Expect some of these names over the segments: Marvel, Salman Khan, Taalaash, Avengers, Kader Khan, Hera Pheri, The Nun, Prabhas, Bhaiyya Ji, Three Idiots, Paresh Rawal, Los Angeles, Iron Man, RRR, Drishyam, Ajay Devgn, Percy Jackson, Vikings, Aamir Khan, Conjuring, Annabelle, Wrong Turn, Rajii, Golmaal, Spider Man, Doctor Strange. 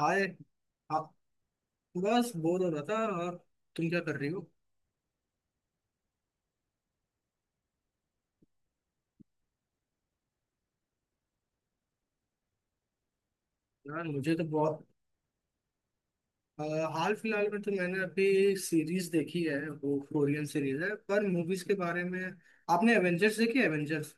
हाय। हाँ। बस बोर हो रहा था। और तुम क्या कर रही हो। यार मुझे तो बहुत अ, हाल फिलहाल में तो मैंने अभी सीरीज देखी है, वो कोरियन सीरीज है। पर मूवीज के बारे में आपने एवेंजर्स देखी है? एवेंजर्स।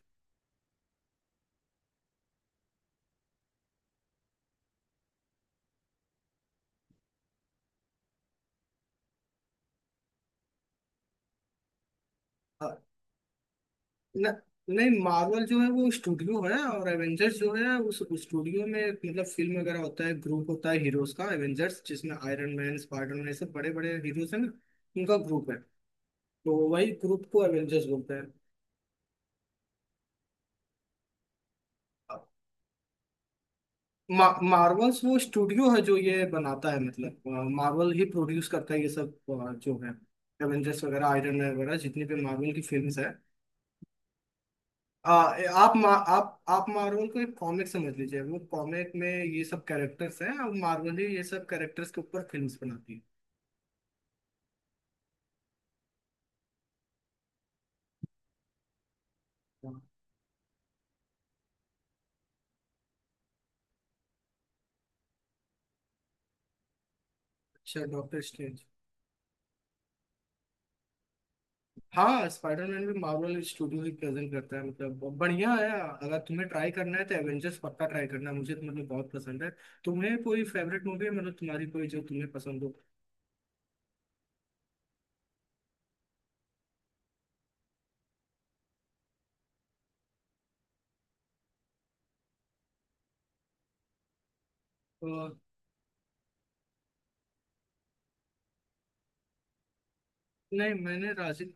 न, नहीं, मार्वल जो है वो स्टूडियो है, और एवेंजर्स जो है उस स्टूडियो में एक मतलब फिल्म वगैरह होता है, ग्रुप होता है हीरोज का एवेंजर्स, जिसमें आयरन मैन, स्पाइडर मैन ऐसे बड़े बड़े हीरोज हैं ना, उनका ग्रुप है। तो वही ग्रुप को एवेंजर्स बोलते हैं। मार्वल्स वो स्टूडियो है जो ये बनाता है, मतलब मार्वल ही प्रोड्यूस करता है ये सब जो है, एवेंजर्स वगैरह, आयरन मैन वगैरह, जितनी भी मार्वल की फिल्म्स है। आ, आप आप मार्वल को एक कॉमिक समझ लीजिए, वो कॉमिक में ये सब कैरेक्टर्स हैं और मार्वल ही ये सब कैरेक्टर्स के ऊपर फिल्म्स बनाती है। अच्छा डॉक्टर स्ट्रेंज। हाँ स्पाइडरमैन भी मार्वल स्टूडियो ही प्रेजेंट करता है, मतलब बढ़िया है। अगर तुम्हें ट्राई करना है तो एवेंजर्स पक्का ट्राई करना, मुझे तो मतलब बहुत पसंद है। तुम्हें कोई फेवरेट मूवी है, मतलब तुम्हारी कोई जो तुम्हें पसंद हो। अ, नहीं,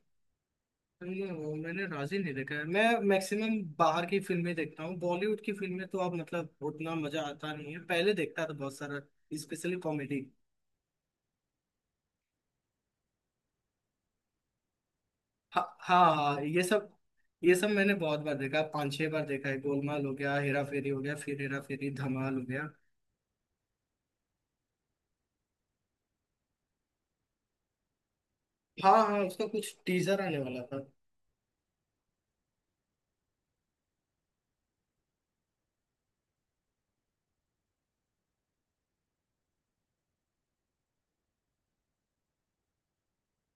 नहीं, मैंने राजी नहीं देखा है। मैं मैक्सिमम बाहर की फिल्में देखता हूँ, बॉलीवुड की फिल्में तो अब मतलब उतना मजा आता नहीं है, पहले देखता था बहुत सारा, स्पेशली कॉमेडी। हाँ हाँ हाँ, ये सब। ये सब मैंने बहुत बार देखा, पांच छह बार देखा है। गोलमाल हो गया, हेरा फेरी हो गया, फिर हेरा फेरी धमाल हो गया। हाँ हाँ उसका कुछ टीजर आने वाला था।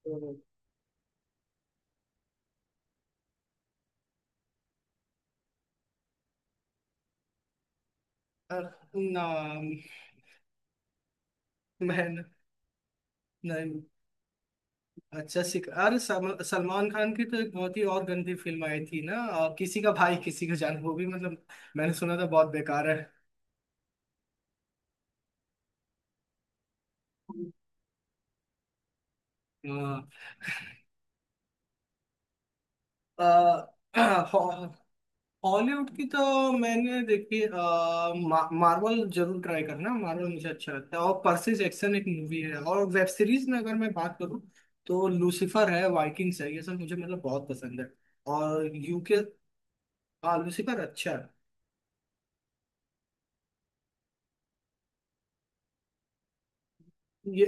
तो अर- नाम मैंने नहीं। अच्छा, सिख अरे, सलमान खान की तो एक बहुत ही और गंदी फिल्म आई थी ना, और किसी का भाई किसी का जान, वो भी मतलब मैंने सुना था बहुत बेकार है। हाँ। आ, हॉलीवुड की तो मैंने देखी मार्वल जरूर ट्राई करना। मार्वल मुझे अच्छा लगता है, और पर्सी जैक्सन एक मूवी है। और वेब सीरीज में अगर मैं बात करूँ तो लूसीफर है, वाइकिंग्स है, ये सब मुझे मतलब बहुत पसंद है। और यूके। लूसीफर अच्छा है। ये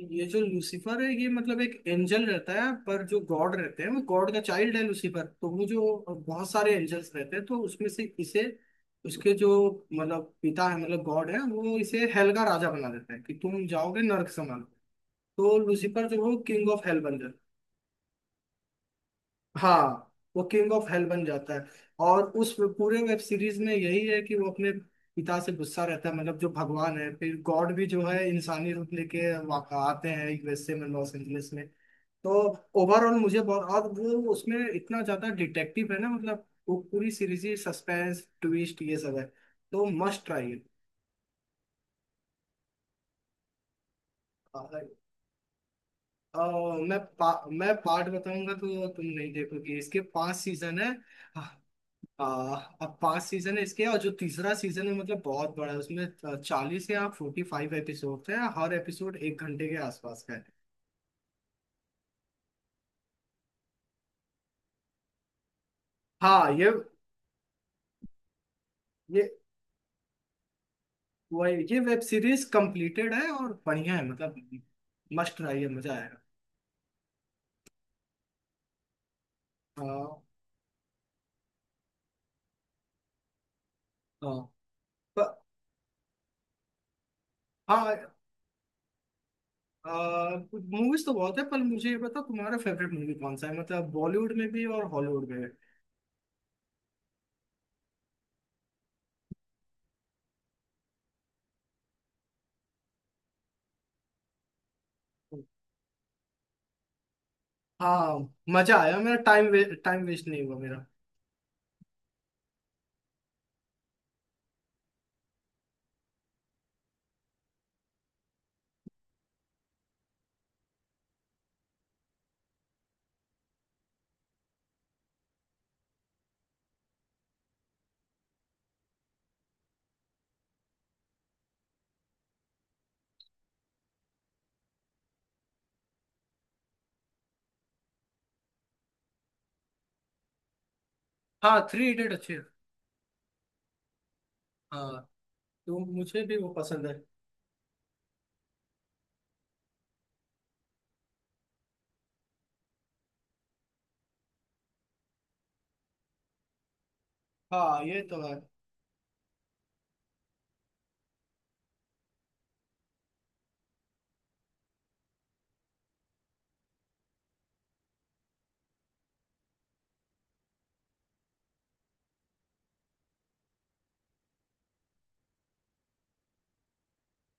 ये जो लूसीफर है ये मतलब एक एंजल रहता है, पर जो गॉड रहते हैं वो गॉड का चाइल्ड है लूसीफर। तो वो जो बहुत सारे एंजल्स रहते हैं तो उसमें से इसे, उसके जो मतलब पिता है, मतलब गॉड है, वो इसे हेल का राजा बना देता है कि तुम जाओगे नर्क समान। तो लूसीफर जो है, वो किंग ऑफ हेल बन जाता है। हाँ। वो किंग ऑफ हेल बन जाता है। और उस पूरे वेब सीरीज में यही है कि वो अपने पिता से गुस्सा रहता है, मतलब जो भगवान है। फिर गॉड भी जो है इंसानी रूप लेके आते हैं यूएसए में, लॉस एंजलिस में। तो ओवरऑल मुझे बहुत, और वो उसमें इतना ज्यादा डिटेक्टिव है ना, मतलब वो पूरी सीरीज ही सस्पेंस ट्विस्ट ये सब है। तो मस्ट ट्राई है। अ- अ, मैं पार्ट बताऊंगा तो तुम नहीं देखोगे, इसके पांच सीजन है। आ, अब पांच सीजन है इसके, और जो तीसरा सीजन है मतलब बहुत बड़ा है, उसमें 40 या 45 एपिसोड है, हर एपिसोड एक घंटे के आसपास का है। हाँ। ये ये वेब सीरीज कंप्लीटेड है और बढ़िया है, मतलब मस्ट ट्राई है, मजा आएगा। आ, आ, प- हाँ मूवीज तो बहुत है, पर मुझे ये बताओ, तुम्हारा फेवरेट मूवी कौन सा है, मतलब बॉलीवुड में भी और हॉलीवुड में भी। हाँ मजा आया, मेरा टाइम वेस्ट नहीं हुआ मेरा। हाँ थ्री इडियट अच्छे हैं। हाँ तो मुझे भी वो पसंद है। हाँ ये तो है।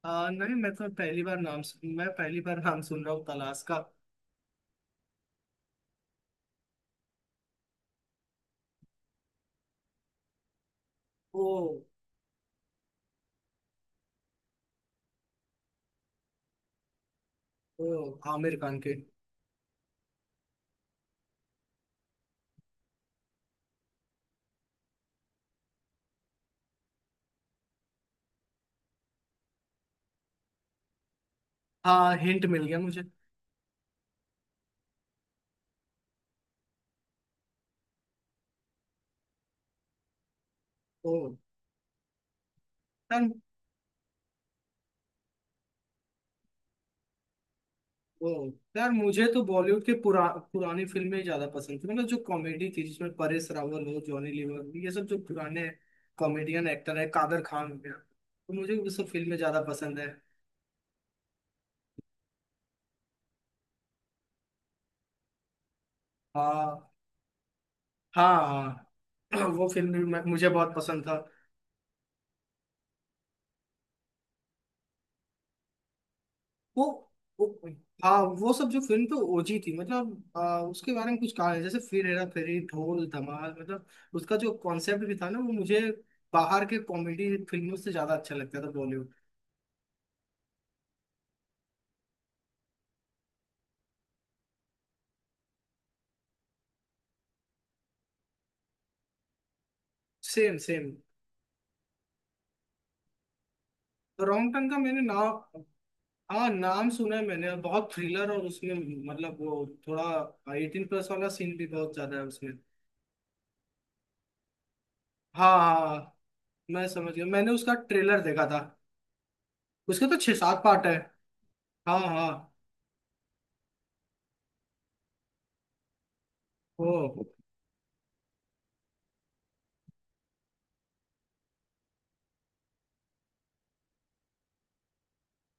नहीं मैं तो पहली बार मैं पहली बार नाम सुन रहा हूँ तलाश का। ओ। ओ आमिर खान के। हाँ हिंट मिल गया मुझे। ओ यार। ओ यार मुझे तो बॉलीवुड के पुरानी फिल्में ज्यादा पसंद थी, मतलब जो कॉमेडी थी जिसमें परेश रावल हो, जॉनी लीवर हो, ये सब जो पुराने कॉमेडियन एक्टर है, कादर खान हो गया, तो मुझे वो सब फिल्में ज्यादा पसंद है। हाँ हाँ हाँ वो फिल्म भी मुझे बहुत पसंद था। वो वो हाँ वो सब जो फिल्म तो ओजी थी, मतलब उसके बारे में कुछ कहा नहीं, जैसे फिर हेरा फेरी, ढोल धमाल, मतलब उसका जो कॉन्सेप्ट भी था ना, वो मुझे बाहर के कॉमेडी फिल्मों से ज्यादा अच्छा लगता था बॉलीवुड। Same same. तो रॉन्ग टर्न का मैंने नाम हाँ नाम सुना है मैंने, बहुत थ्रिलर और उसमें मतलब वो थोड़ा 18+ वाला सीन भी बहुत ज्यादा है उसमें। हाँ हाँ हाँ, मैं समझ गया, मैंने उसका ट्रेलर देखा था। उसके तो छह सात पार्ट है। हाँ हाँ। ओ।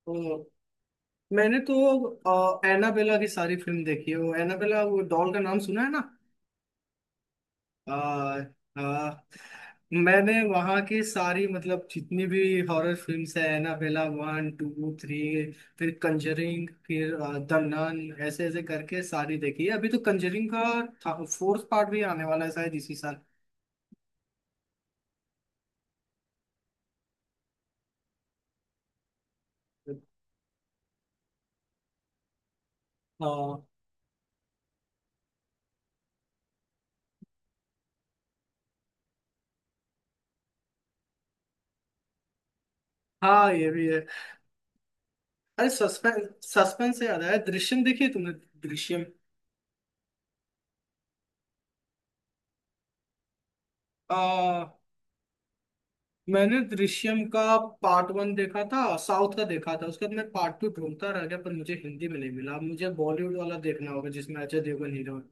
ओ मैंने तो एनाबेला की सारी फिल्म देखी है, वो एनाबेला, वो डॉल का नाम सुना है ना। आ, आ, मैंने वहाँ की सारी, मतलब जितनी भी हॉरर फिल्म्स है, एनाबेला वन टू थ्री, फिर कंजरिंग, फिर द नन, ऐसे ऐसे करके सारी देखी है। अभी तो कंजरिंग का फोर्थ पार्ट भी आने वाला है शायद इसी साल। हाँ हाँ ये भी है। अरे सस्पेंस, सस्पेंस से याद आया, दृश्यम देखिए तुमने। दृश्यम। मैंने दृश्यम का पार्ट वन देखा था, साउथ का देखा था। उसके बाद मैं पार्ट टू ढूंढता रह गया पर मुझे हिंदी में नहीं मिला, मुझे बॉलीवुड वाला देखना होगा जिसमें अजय देवगन हीरो है।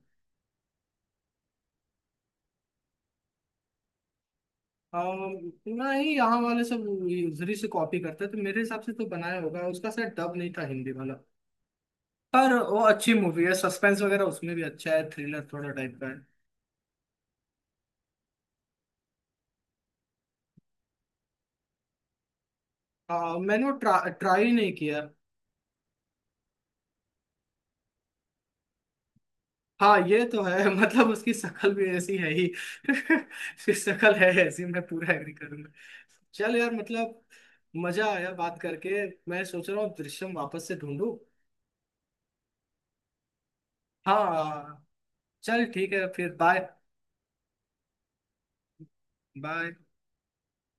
नहीं यहाँ वाले सब उधरी से कॉपी करते हैं तो मेरे हिसाब से तो बनाया होगा, उसका शायद डब नहीं था हिंदी वाला। पर वो अच्छी मूवी है, सस्पेंस वगैरह उसमें भी अच्छा है, थ्रिलर थोड़ा टाइप का है। मैंने वो ट्राई नहीं किया। हाँ ये तो है। मतलब उसकी शक्ल भी ऐसी है ही। उसकी शक्ल है ऐसी, मैं पूरा एग्री करूंगा। चल यार मतलब मजा आया बात करके। मैं सोच रहा हूँ दृश्यम वापस से ढूंढूं। हाँ चल ठीक है फिर बाय। बाय।